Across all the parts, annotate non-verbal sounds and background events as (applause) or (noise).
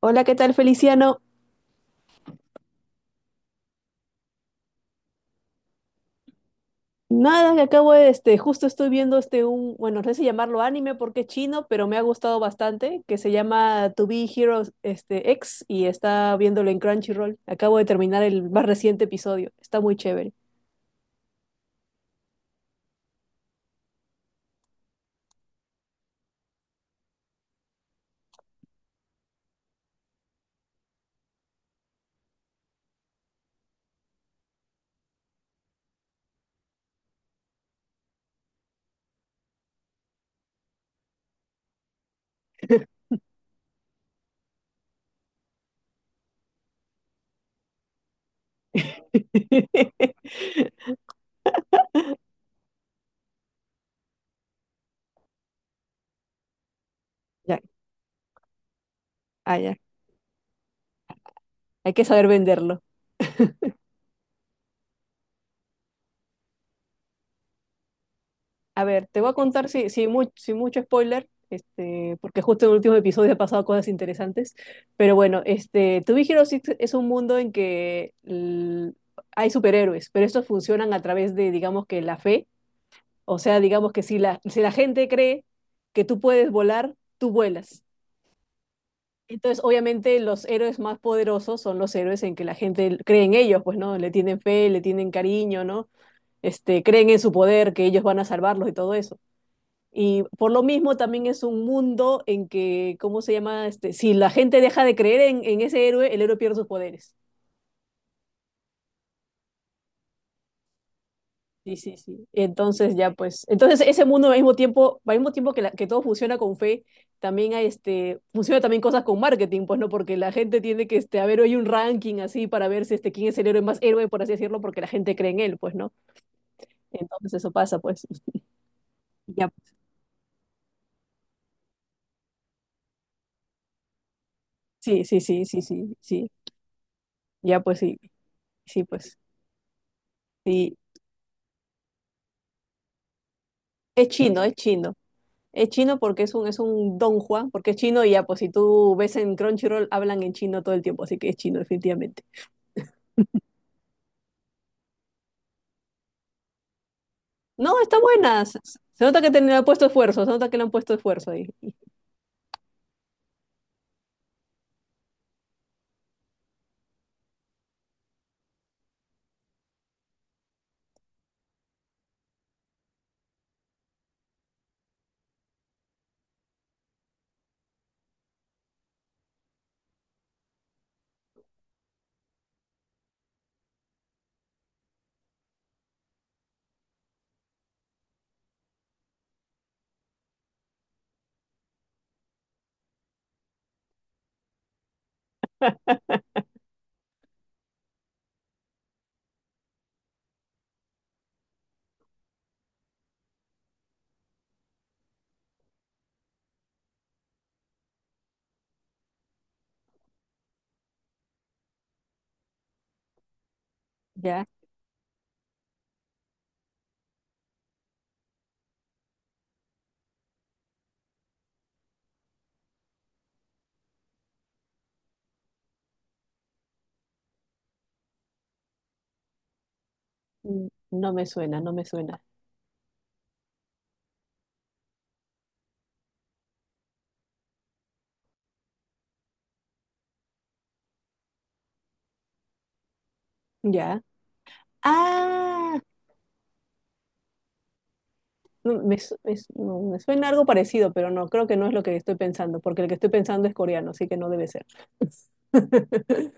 Hola, ¿qué tal, Feliciano? Nada, que justo estoy viendo no sé si llamarlo anime porque es chino, pero me ha gustado bastante, que se llama To Be Heroes X y está viéndolo en Crunchyroll. Acabo de terminar el más reciente episodio, está muy chévere. (laughs) Ya, ah, ya, hay que saber venderlo. A ver, te voy a contar sin mucho spoiler, porque justo en el último episodio ha pasado cosas interesantes. Pero bueno, To Be Hero Six es un mundo en que hay superhéroes, pero estos funcionan a través de, digamos que la fe. O sea, digamos que si la gente cree que tú puedes volar, tú vuelas. Entonces, obviamente, los héroes más poderosos son los héroes en que la gente cree en ellos, pues, ¿no? Le tienen fe, le tienen cariño, ¿no? Creen en su poder, que ellos van a salvarlos y todo eso. Y por lo mismo también es un mundo en que, ¿cómo se llama? Si la gente deja de creer en ese héroe, el héroe pierde sus poderes. Sí, sí, sí. Entonces ya pues, entonces ese mundo al mismo tiempo que, que todo funciona con fe, también hay funciona también cosas con marketing, pues no, porque la gente tiene que, a ver, hay un ranking así para ver si quién es el héroe más héroe, por así decirlo, porque la gente cree en él, pues no. Entonces eso pasa, pues. (laughs) Ya, sí, sí, sí, sí, sí, sí. Ya pues sí, sí, pues. Sí. Es chino, es chino. Es chino porque es un Don Juan, porque es chino y ya, pues si tú ves en Crunchyroll, hablan en chino todo el tiempo, así que es chino, definitivamente. No, está buena. Se nota que te le han puesto esfuerzo, se nota que le han puesto esfuerzo ahí. Ya. No me suena, no me suena. Ya. Ah, no, no, me suena algo parecido, pero no, creo que no es lo que estoy pensando, porque el que estoy pensando es coreano, así que no debe ser. (laughs)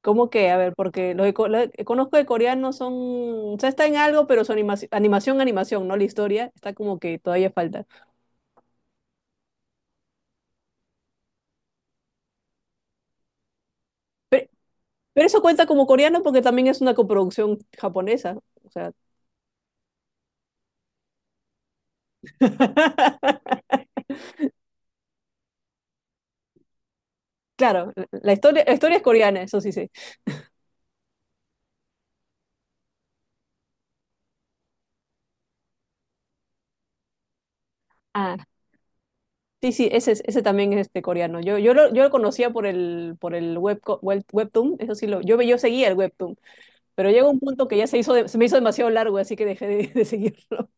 ¿Cómo que? A ver, porque lo que conozco de coreanos son, o sea, está en algo, pero su animación, ¿no? La historia está como que todavía falta. Pero, pero eso cuenta como coreano porque también es una coproducción japonesa. O sea, (laughs) claro, la historia es coreana, eso sí sé. Ah, sí, sí, ese, ese también es este coreano. Yo lo conocía por por el webtoon, eso sí lo, yo, yo seguía el webtoon, pero llegó un punto que ya se hizo, se me hizo demasiado largo, así que dejé de seguirlo.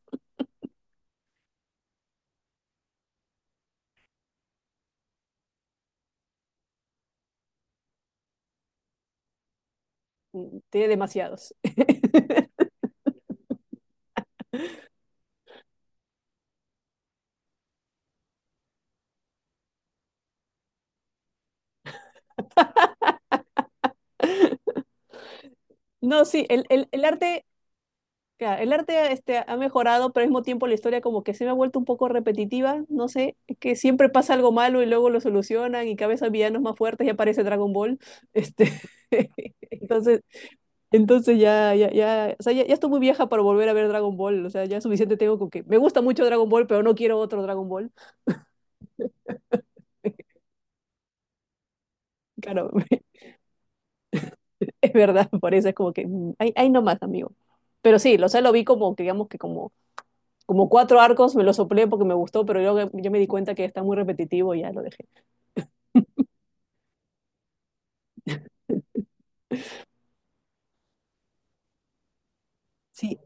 (laughs) Tiene demasiados. No, sí, el arte, claro, el arte ha mejorado, pero al mismo tiempo la historia como que se me ha vuelto un poco repetitiva, no sé, que siempre pasa algo malo y luego lo solucionan y cada vez hay villanos más fuertes y aparece Dragon Ball. Este, (laughs) entonces, entonces ya, ya, ya, o sea, ya, ya estoy muy vieja para volver a ver Dragon Ball, o sea, ya suficiente tengo con que me gusta mucho Dragon Ball, pero no quiero otro Dragon Ball. Claro, (laughs) es verdad, por eso es como que, ahí ahí nomás, amigo. Pero sí, lo vi como, que, digamos que como cuatro arcos, me lo soplé porque me gustó, pero yo me di cuenta que está muy repetitivo y ya lo dejé. Sí.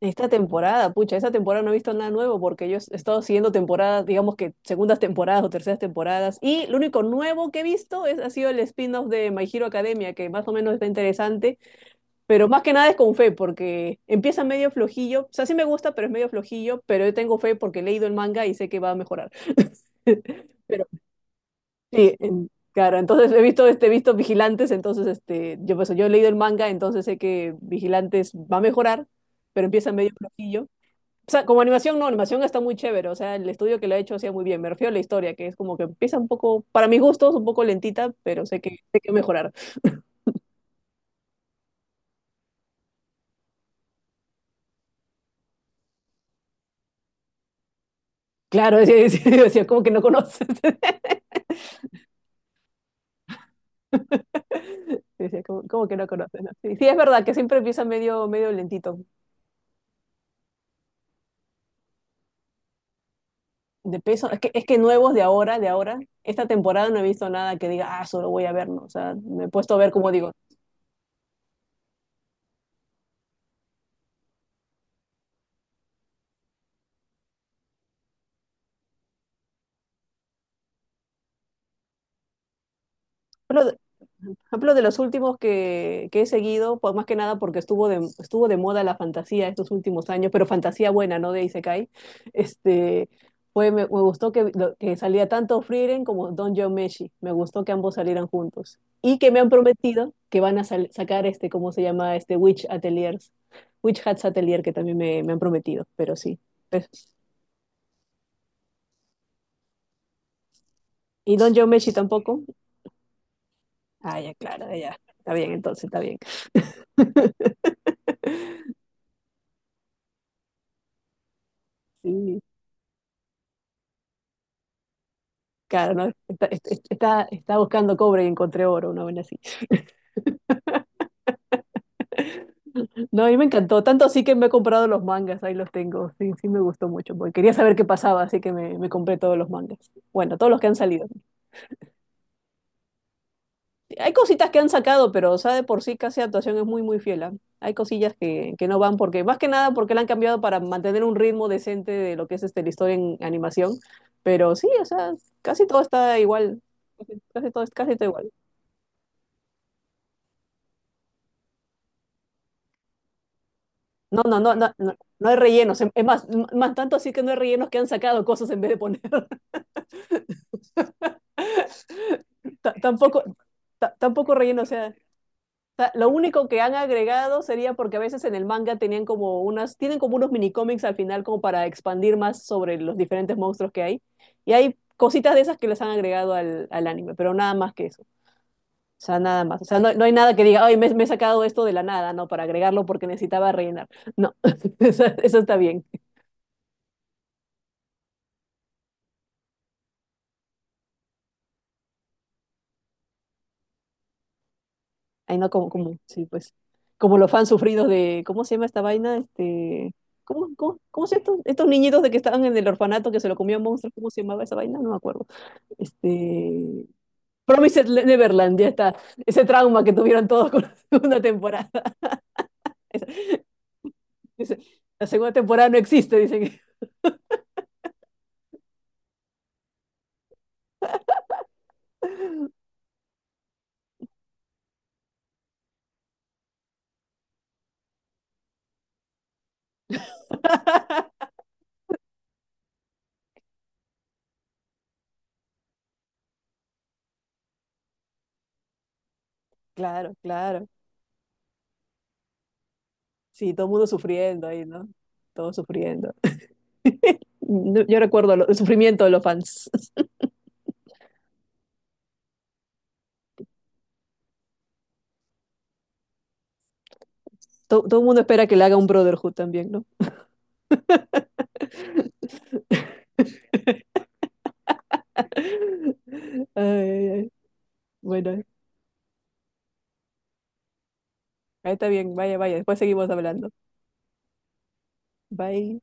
Esta temporada, pucha, esta temporada no he visto nada nuevo porque yo he estado siguiendo temporadas, digamos que segundas temporadas o terceras temporadas, y lo único nuevo que he visto es, ha sido el spin-off de My Hero Academia, que más o menos está interesante, pero más que nada es con fe porque empieza medio flojillo, o sea, sí me gusta, pero es medio flojillo, pero yo tengo fe porque he leído el manga y sé que va a mejorar. (laughs) Sí, claro, entonces he visto, he visto Vigilantes, entonces yo he leído el manga, entonces sé que Vigilantes va a mejorar, pero empieza medio flojillo. O sea, como animación, no, animación está muy chévere, o sea, el estudio que lo ha hecho hacía muy bien, me refiero a la historia, que es como que empieza un poco, para mis gustos, un poco lentita, pero sé que va a mejorar. Claro, (laughs) decía, como que no conoces. (laughs) Decía, como que no conoces, ¿no? Sí, sí, es verdad que siempre empieza medio, medio lentito. De peso, es que nuevos de ahora, esta temporada no he visto nada que diga, ah, solo voy a ver, ¿no? O sea, me he puesto a ver, como digo, ejemplo, de, por ejemplo, de los últimos que he seguido, pues más que nada porque estuvo de moda la fantasía estos últimos años, pero fantasía buena, ¿no? De Isekai. Este, Fue, me gustó que, que salía tanto Frieren como Don John Meshi. Me gustó que ambos salieran juntos. Y que me han prometido que van a sacar ¿cómo se llama? Este Witch Ateliers. Witch Hats Atelier, que también me han prometido, pero sí. Pues, ¿y Don John Meshi tampoco? Ah, ya, claro, ya. Está bien, entonces, está bien. (laughs) Sí. Claro, no, está, está, Está buscando cobre y encontré oro, una buena así. (laughs) No, a mí me encantó, tanto así que me he comprado los mangas, ahí los tengo, sí, sí me gustó mucho, porque quería saber qué pasaba, así que me compré todos los mangas. Bueno, todos los que han salido. Hay cositas que han sacado, pero, o sea, de por sí casi actuación es muy, muy fiel. ¿Ah? Hay cosillas que no van, porque más que nada porque la han cambiado para mantener un ritmo decente de lo que es la historia en animación, pero sí, o sea, casi todo está igual, casi, casi todo igual. No, no, no, no, no, no hay rellenos. Es más, más tanto así que no hay rellenos que han sacado cosas en vez de poner. (laughs) T- tampoco, Tampoco relleno, o sea, lo único que han agregado sería porque a veces en el manga tienen como unos mini cómics al final como para expandir más sobre los diferentes monstruos que hay. Y hay cositas de esas que les han agregado al anime, pero nada más que eso. O sea, nada más. O sea, no, no hay nada que diga, ay, me he sacado esto de la nada, ¿no? Para agregarlo porque necesitaba rellenar. No, (laughs) eso está bien. Ay, no, como, como, sí, pues. Como los fans sufridos de, ¿cómo se llama esta vaina? ¿Cómo, se estos, estos niñitos de que estaban en el orfanato que se lo comió un monstruo? ¿Cómo se llamaba esa vaina? No me acuerdo. Este, Promised Neverland, ya está. Ese trauma que tuvieron todos con la (laughs) segunda temporada. Dice, la segunda temporada no existe, dicen. (laughs) Claro, claro. Sí, todo el mundo sufriendo ahí, ¿no? Todos sufriendo. No, yo recuerdo el sufrimiento de los fans. (laughs) Todo, todo el mundo espera que le haga un Brotherhood también, ¿no? (laughs) Ay, ay, ay. Bueno, ahí está bien. Vaya, vaya. Después seguimos hablando. Bye.